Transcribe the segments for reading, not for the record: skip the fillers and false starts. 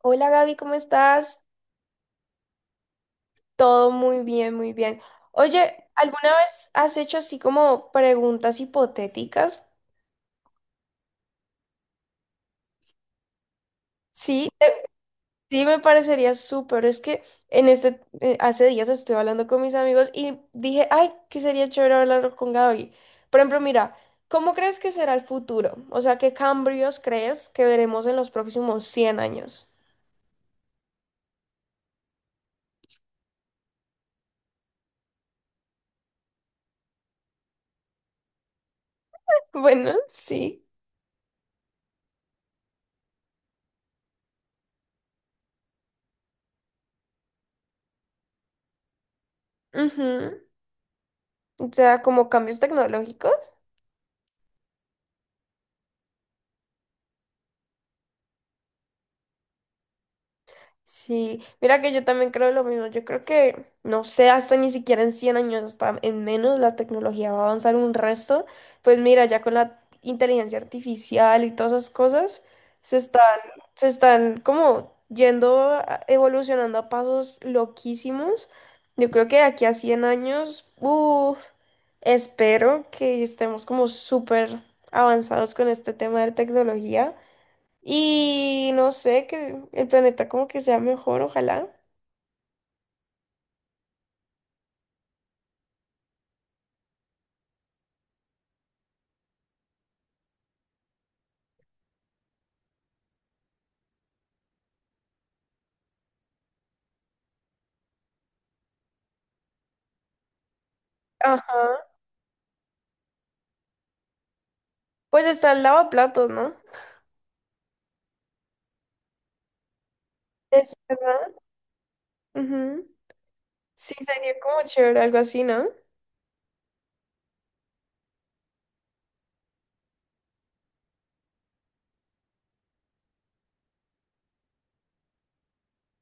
Hola Gaby, ¿cómo estás? Todo muy bien, muy bien. Oye, ¿alguna vez has hecho así como preguntas hipotéticas? Sí, sí, me parecería súper. Es que en este, hace días estuve hablando con mis amigos y dije, ay, que sería chévere hablar con Gaby. Por ejemplo, mira, ¿cómo crees que será el futuro? O sea, ¿qué cambios crees que veremos en los próximos 100 años? Bueno, sí. Ujú. O sea, como cambios tecnológicos. Sí, mira que yo también creo lo mismo. Yo creo que, no sé, hasta ni siquiera en 100 años, hasta en menos, la tecnología va a avanzar un resto. Pues mira, ya con la inteligencia artificial y todas esas cosas, se están, se están como yendo, evolucionando a pasos loquísimos. Yo creo que de aquí a 100 años, uff, espero que estemos como súper avanzados con este tema de tecnología. Y no sé, que el planeta como que sea mejor, ojalá. Ajá. Pues está el lavaplatos, ¿no? Es verdad. Ujú. Sí, sería como chévere, algo así, ¿no?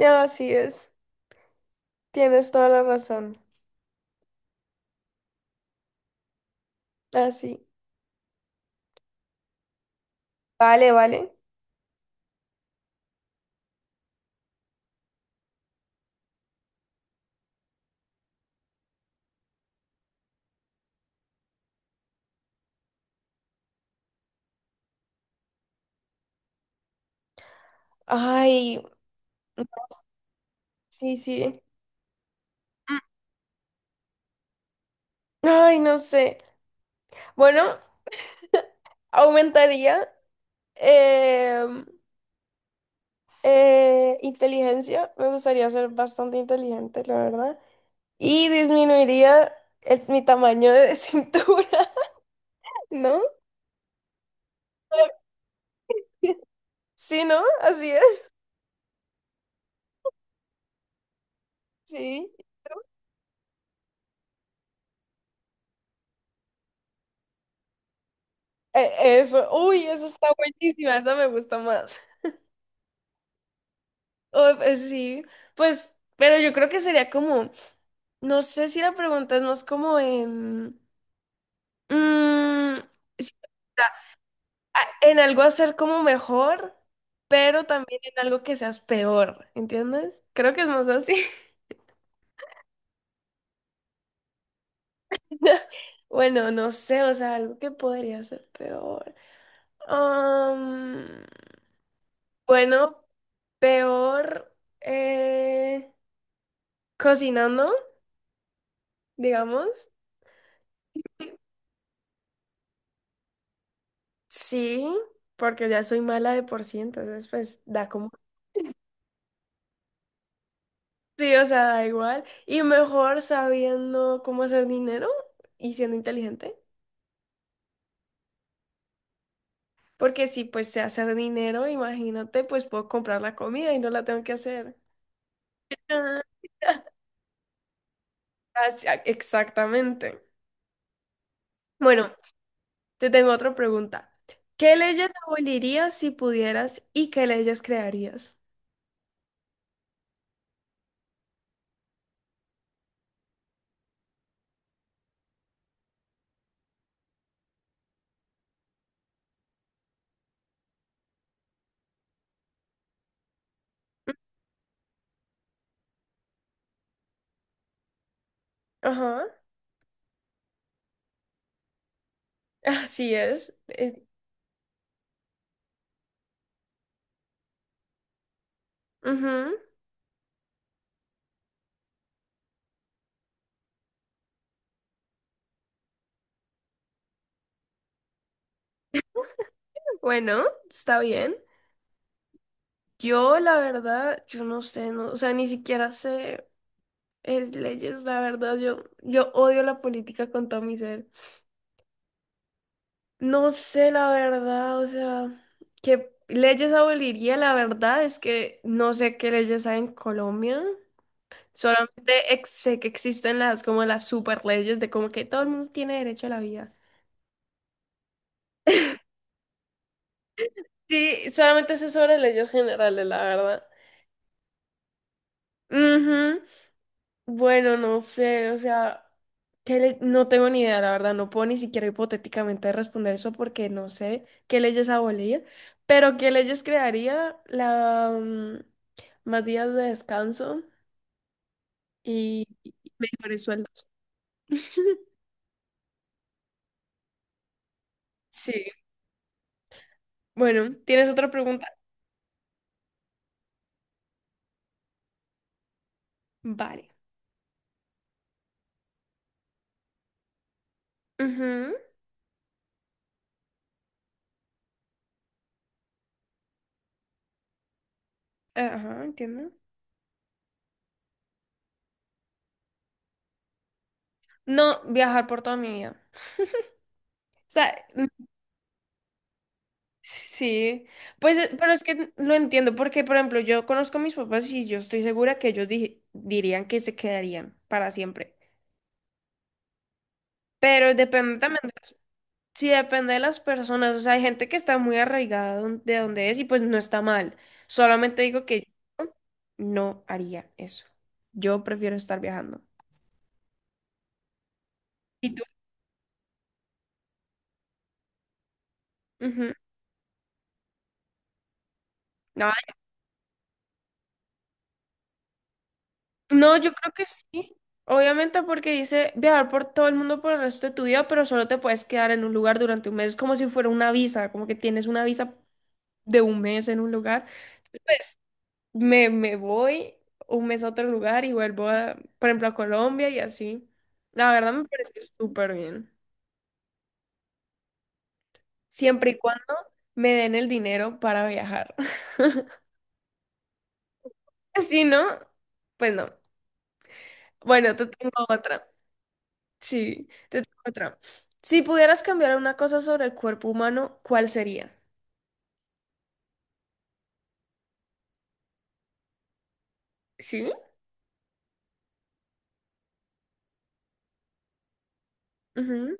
Ah, así es. Tienes toda la razón. Así. Vale, vale. Ay, no, sí, sí. Ay, no sé. Bueno, aumentaría em, inteligencia. Me gustaría ser bastante inteligente, la verdad. Y disminuiría mi tamaño de cintura, ¿no? Sí, ¿no? Así es. Sí. Eso. Uy, eso está buenísima. Esa me gusta más. Oh, pues sí. Pues, pero yo creo que sería como. No sé si la pregunta es más como en. mm, si- en algo hacer como mejor, pero también en algo que seas peor. ¿Entiendes? Creo que es más así. Bueno, no sé, o sea, algo que podría ser peor. Am, bueno, peor eh, cocinando, digamos. Sí, porque ya soy mala de por sí, entonces pues da como. Sí, o sea, da igual. Y mejor sabiendo cómo hacer dinero y siendo inteligente. Porque si pues sé hacer dinero, imagínate, pues puedo comprar la comida y no la tengo que hacer. Ah, exactamente. Bueno. Te tengo otra pregunta. ¿Qué leyes abolirías si pudieras y qué leyes crearías? Ajá, así es. Ujú. Bueno, está bien. Yo, la verdad, yo no sé, no, o sea, ni siquiera sé leyes, la verdad, yo odio la política con todo mi ser. No sé, la verdad, o sea, qué leyes aboliría, la verdad es que no sé qué leyes hay en Colombia. Solamente sé que existen las como las super leyes de como que todo el mundo tiene derecho a la vida. Sí, solamente sé sobre leyes generales, la verdad. Ujú. Bueno, no sé, o sea, ¿qué no tengo ni idea, la verdad, no puedo ni siquiera hipotéticamente responder eso porque no sé qué leyes abolir, pero qué leyes crearía la más días de descanso y mejores sueldos. Sí, bueno, ¿tienes otra pregunta? Vale. Ujú. Ajá, entiendo. No viajar por toda mi vida. O sea, sí, pues, pero es que lo entiendo porque, por ejemplo, yo conozco a mis papás y yo estoy segura que ellos dirían que se quedarían para siempre. Pero depende también, sí, depende de las personas. O sea, hay gente que está muy arraigada de donde es y pues no está mal. Solamente digo que yo no haría eso. Yo prefiero estar viajando. ¿Y tú? Ujú. No, no, yo creo que sí. Obviamente porque dice viajar por todo el mundo por el resto de tu vida, pero solo te puedes quedar en un lugar durante un mes, como si fuera una visa, como que tienes una visa de un mes en un lugar. Pues me voy un mes a otro lugar y vuelvo a, por ejemplo, a Colombia y así. La verdad me parece súper bien. Siempre y cuando me den el dinero para viajar. Si no, pues no. Bueno, te tengo otra. Sí, te tengo otra. Si pudieras cambiar una cosa sobre el cuerpo humano, ¿cuál sería? ¿Sí? Ujú.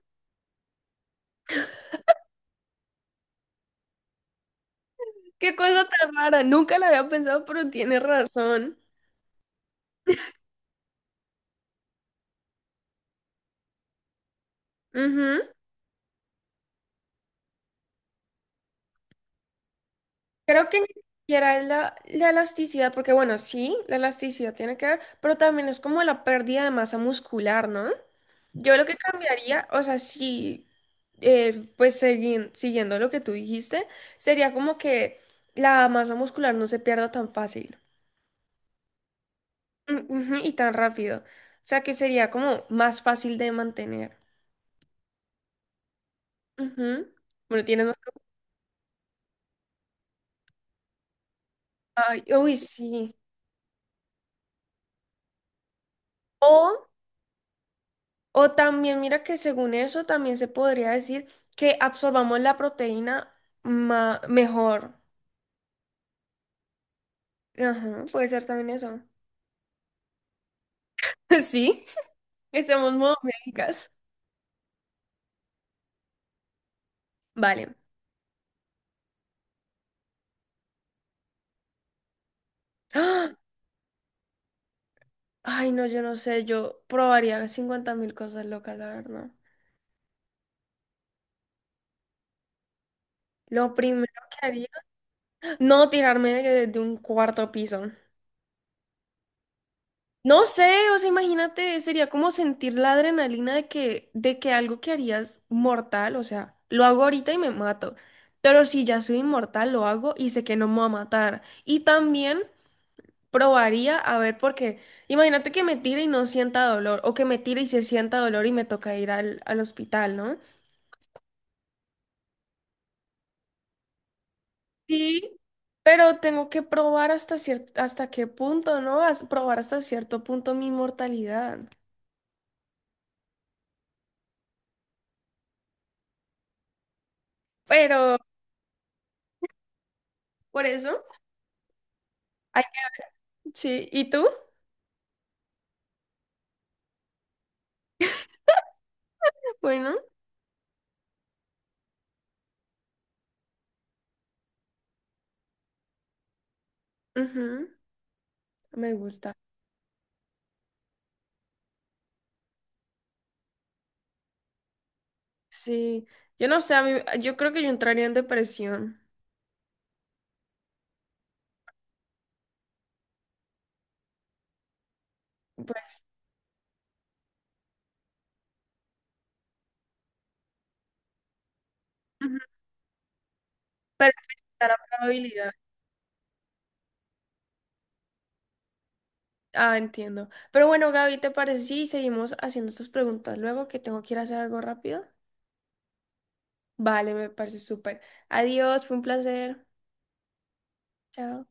Qué cosa tan rara. Nunca la había pensado, pero tienes razón. Ujú. Creo que ni siquiera es la elasticidad, porque bueno, sí, la elasticidad tiene que ver, pero también es como la pérdida de masa muscular, ¿no? Yo lo que cambiaría, o sea, sí, pues siguiendo lo que tú dijiste, sería como que la masa muscular no se pierda tan fácil. Mm, ujú, y tan rápido. O sea que sería como más fácil de mantener. Ujú. Bueno, tienes otro-. Ay, uy, sí. O, o también, mira que según eso también se podría decir que absorbamos la proteína mejor. Ajá, puede ser también eso. Sí, estamos modo médicas. Vale. ¡Ah! Ay, no, yo no sé, yo probaría 50.000 cosas locas, la verdad. Lo primero que haría, no tirarme de un cuarto piso. No sé, o sea, imagínate, sería como sentir la adrenalina de que algo que harías mortal, o sea, lo hago ahorita y me mato, pero si ya soy inmortal, lo hago y sé que no me va a matar. Y también probaría a ver, porque imagínate que me tire y no sienta dolor, o que me tire y se sienta dolor y me toca ir al hospital, ¿no? Sí, pero tengo que probar hasta cierto, hasta qué punto, ¿no? Probar hasta cierto punto mi inmortalidad. Pero por eso, ay, sí, ¿y tú? Bueno, ujú, me gusta. Sí, yo no sé, a mí, yo creo que yo entraría en depresión. Pues, ujú, pero está la probabilidad. Ah, entiendo. Pero bueno, Gaby, ¿te parece si seguimos haciendo estas preguntas luego que tengo que ir a hacer algo rápido? Vale, me parece súper. Adiós, fue un placer. Chao.